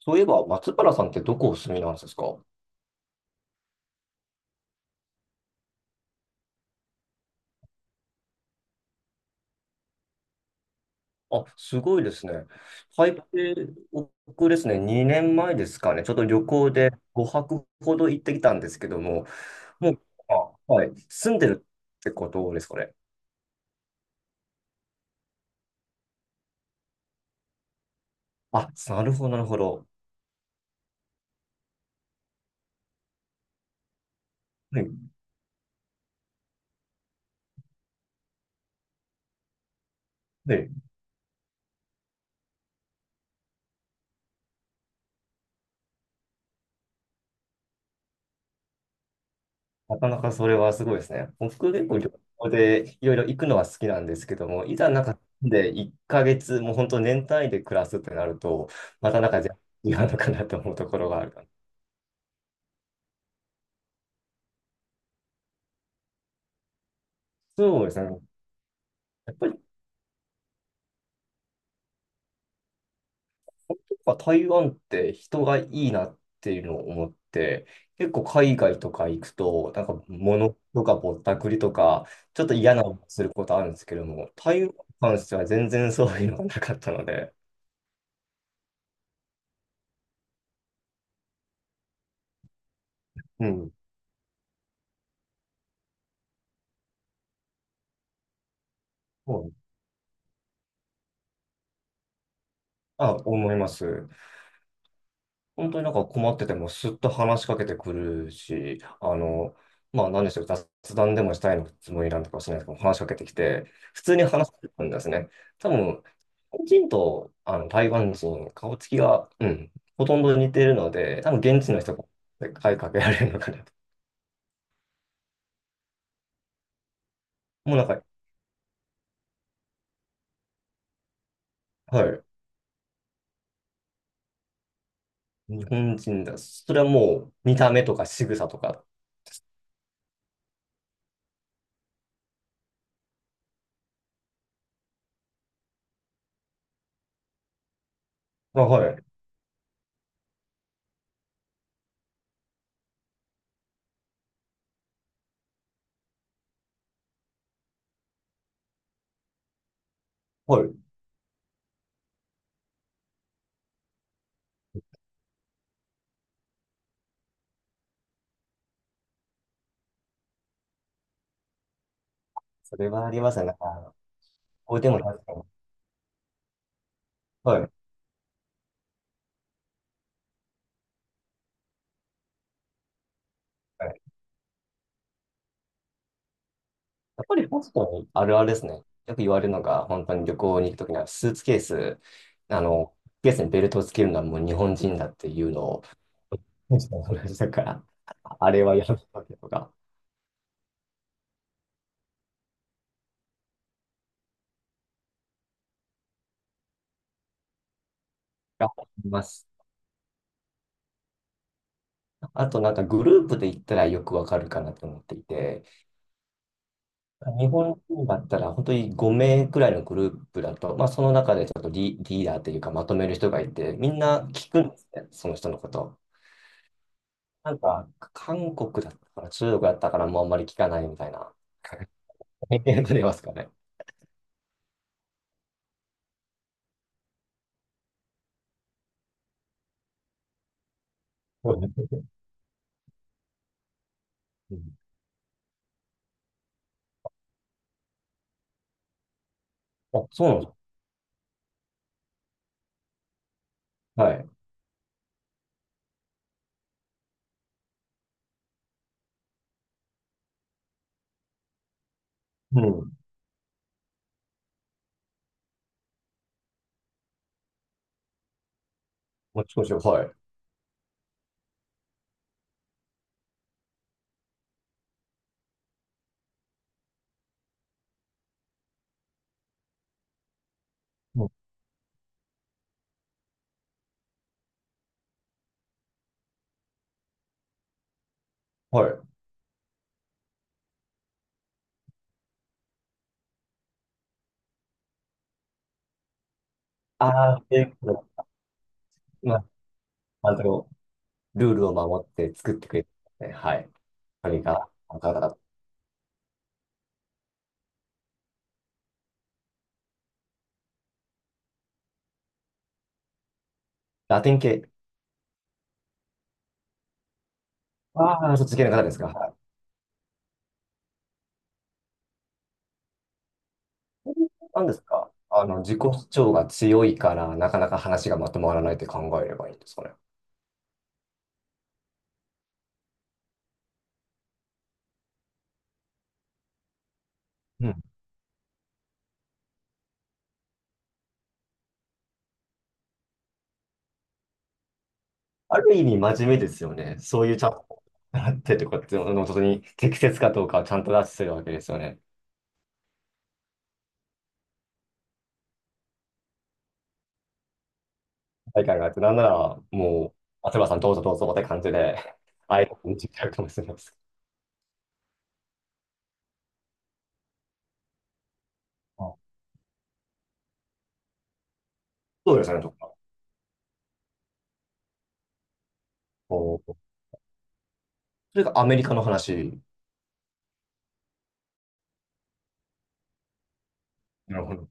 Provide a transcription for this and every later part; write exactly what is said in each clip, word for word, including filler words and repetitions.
そういえば、松原さんってどこお住みなんですか？あ、すごいですね。台北、僕ですね、にねんまえですかね、ちょっと旅行でごはくほど行ってきたんですけども、もう、あ、はい、住んでるってことですかね。あ、なるほど、なるほど。はい、はい。なかなかそれはすごいですね。僕結構旅行でいろいろ行くのは好きなんですけども、いざなんかでいっかげつ、もう本当年単位で暮らすってなると、またなんか全然違うのかなと思うところがあるかな。そうですね。やっぱり本当は台湾って人がいいなっていうのを思って、結構海外とか行くと、なんか物とかぼったくりとか、ちょっと嫌な思いすることあるんですけども、台湾に関しては全然そういうのがなかったので、うん。そうあ、思います。本当になんか困っててもすっと話しかけてくるし、あの、まあ何でしょう、雑談でもしたいのつもりなんとかもしれないですけど、話しかけてきて、普通に話してくるんですね。多分、日本人とあの台湾人、顔つきが、うん、ほとんど似てるので、多分現地の人が声かけられるのかなと。もうなんか、はい、日本人だ。それはもう見た目とか仕草とか。まあ、はい、はい。それはありますね。なんか、こうでも確かに。はい。やっぱりホストにあるあるですね。よく言われるのが、本当に旅行に行くときには、スーツケース、あの、ケースにベルトをつけるのはもう日本人だっていうのを、同じだから、あれはやめたけとか、があります。あと、なんかグループで行ったらよくわかるかなと思っていて、日本人だったら本当にご名くらいのグループだと、まあ、その中でちょっとリ、リーダーというかまとめる人がいて、みんな聞くんですね、その人のこと。なんか、韓国だったから、中国だったからもうあんまり聞かないみたいな。え、出れますかね。そうですね。うん。あ、そうなんですか。はい。うん。もちろん、はい。うん、はい。ああ、で、まあ、あの、ルールを守って作ってくれて、ね、はい。それが、なんか、なんかラテン系。ああ、そっち系の方ですか。はい。なんですか。あの、自己主張が強いから、なかなか話がまとまらないって考えればいいんですかね。ある意味真面目ですよね。そういうちゃんと習ってとかっていうのの本当に適切かどうかをちゃんと出してるわけですよね。大会があって、なんならもう、松原さんどうぞどうぞって感じで、あえて見てるかもしれないです。あ、そうですね、とか。おそれがアメリカの話。なるほど。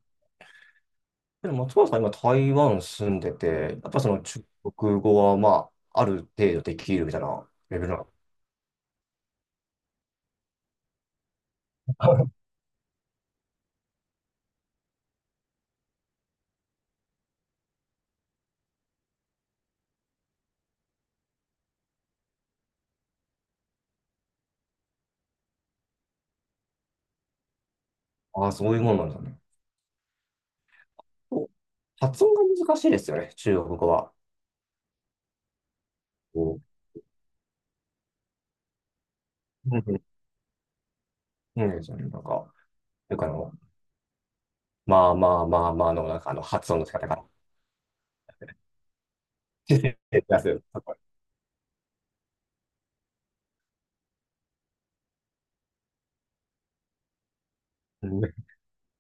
でも松原さん今台湾住んでて、やっぱその中国語はまあ、ある程度できるみたいなレベルなの。ああ、そういうもんなんだね。発音が難しいですよね、中国語は。こう、うん、そのなんか、なんかあの、まあまあまあまあの、なんかあの、発音の仕方が。出す。うん。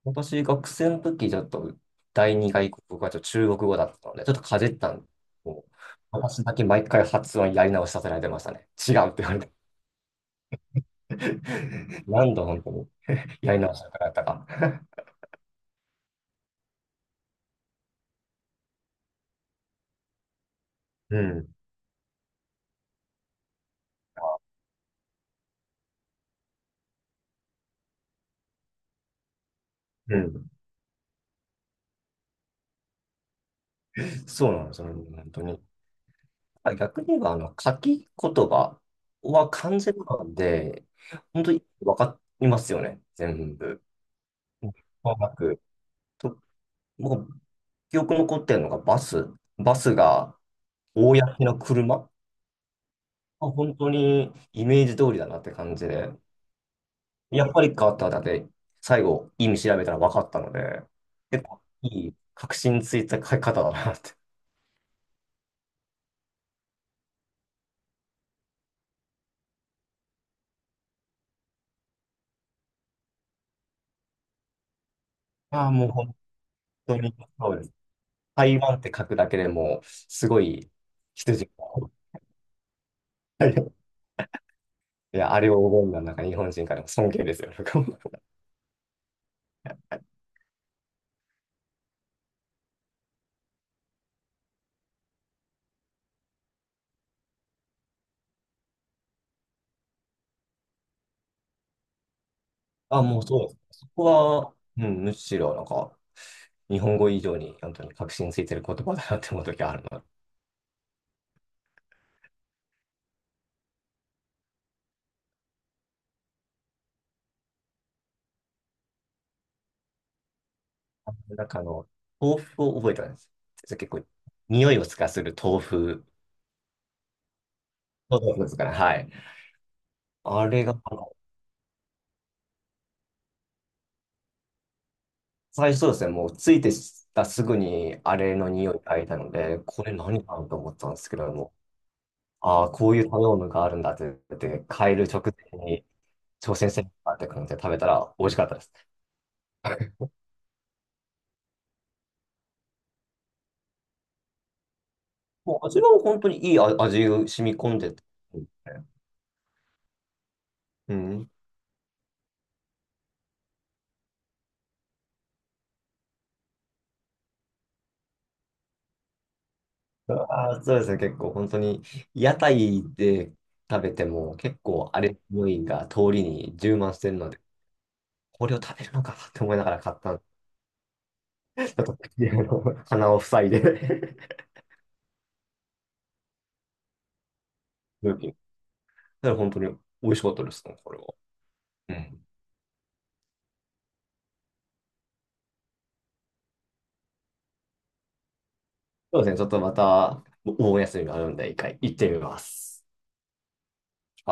私、学生の時、ちょっと、第二外国語がちょっと中国語だったので、ちょっとかじったんですけど、私だけ毎回発音やり直しさせられてましたね。違うって言われて。何度本当にやり直したかったか。うん、うん。そうなんですよね、本当に。あ、逆に言えば、あの、書き言葉は完全なんで、本当に分かりますよね、全部。まもなく、と、僕、記憶残ってるのがバス。バスが、公の車。あ、本当にイメージ通りだなって感じで。やっぱり変わっただけ、最後、意味調べたら分かったので、結構いい、確信ついた書き方だなって。ああ、もう本当に、そうです。台湾って書くだけでもすごい、羊が。はい。いや、あれを覚えるのは、なんか日本人からも尊敬ですよ。なんか、あ、もうそうです。そこは、うん、むしろ、なんか、日本語以上に本当に確信ついてる言葉だなって思う時あるの。なんかあの、豆腐を覚えたんです。結構、匂いをつかする豆腐。豆腐ですから、はい。あれが、あの最初そうですね、もうついてたすぐにあれの匂いがいたので、これ何かなと思ったんですけども、ああ、こういう食べ物があるんだって言って、変える直前に挑戦してみようかって感じで食べたら美味しかったです。もう味は本当にいい味が染み込んでて、うん、ああ、そうですね。結構本当に屋台で食べても結構あれ匂いが通りに充満してるので、これを食べるのかって思いながら買ったんで、ちょっと口を鼻を塞いで、うん、だから本当に美味しかったですね、これは。うん。そうですね。ちょっとまたお盆休みがあるんで、一回行ってみます。はい。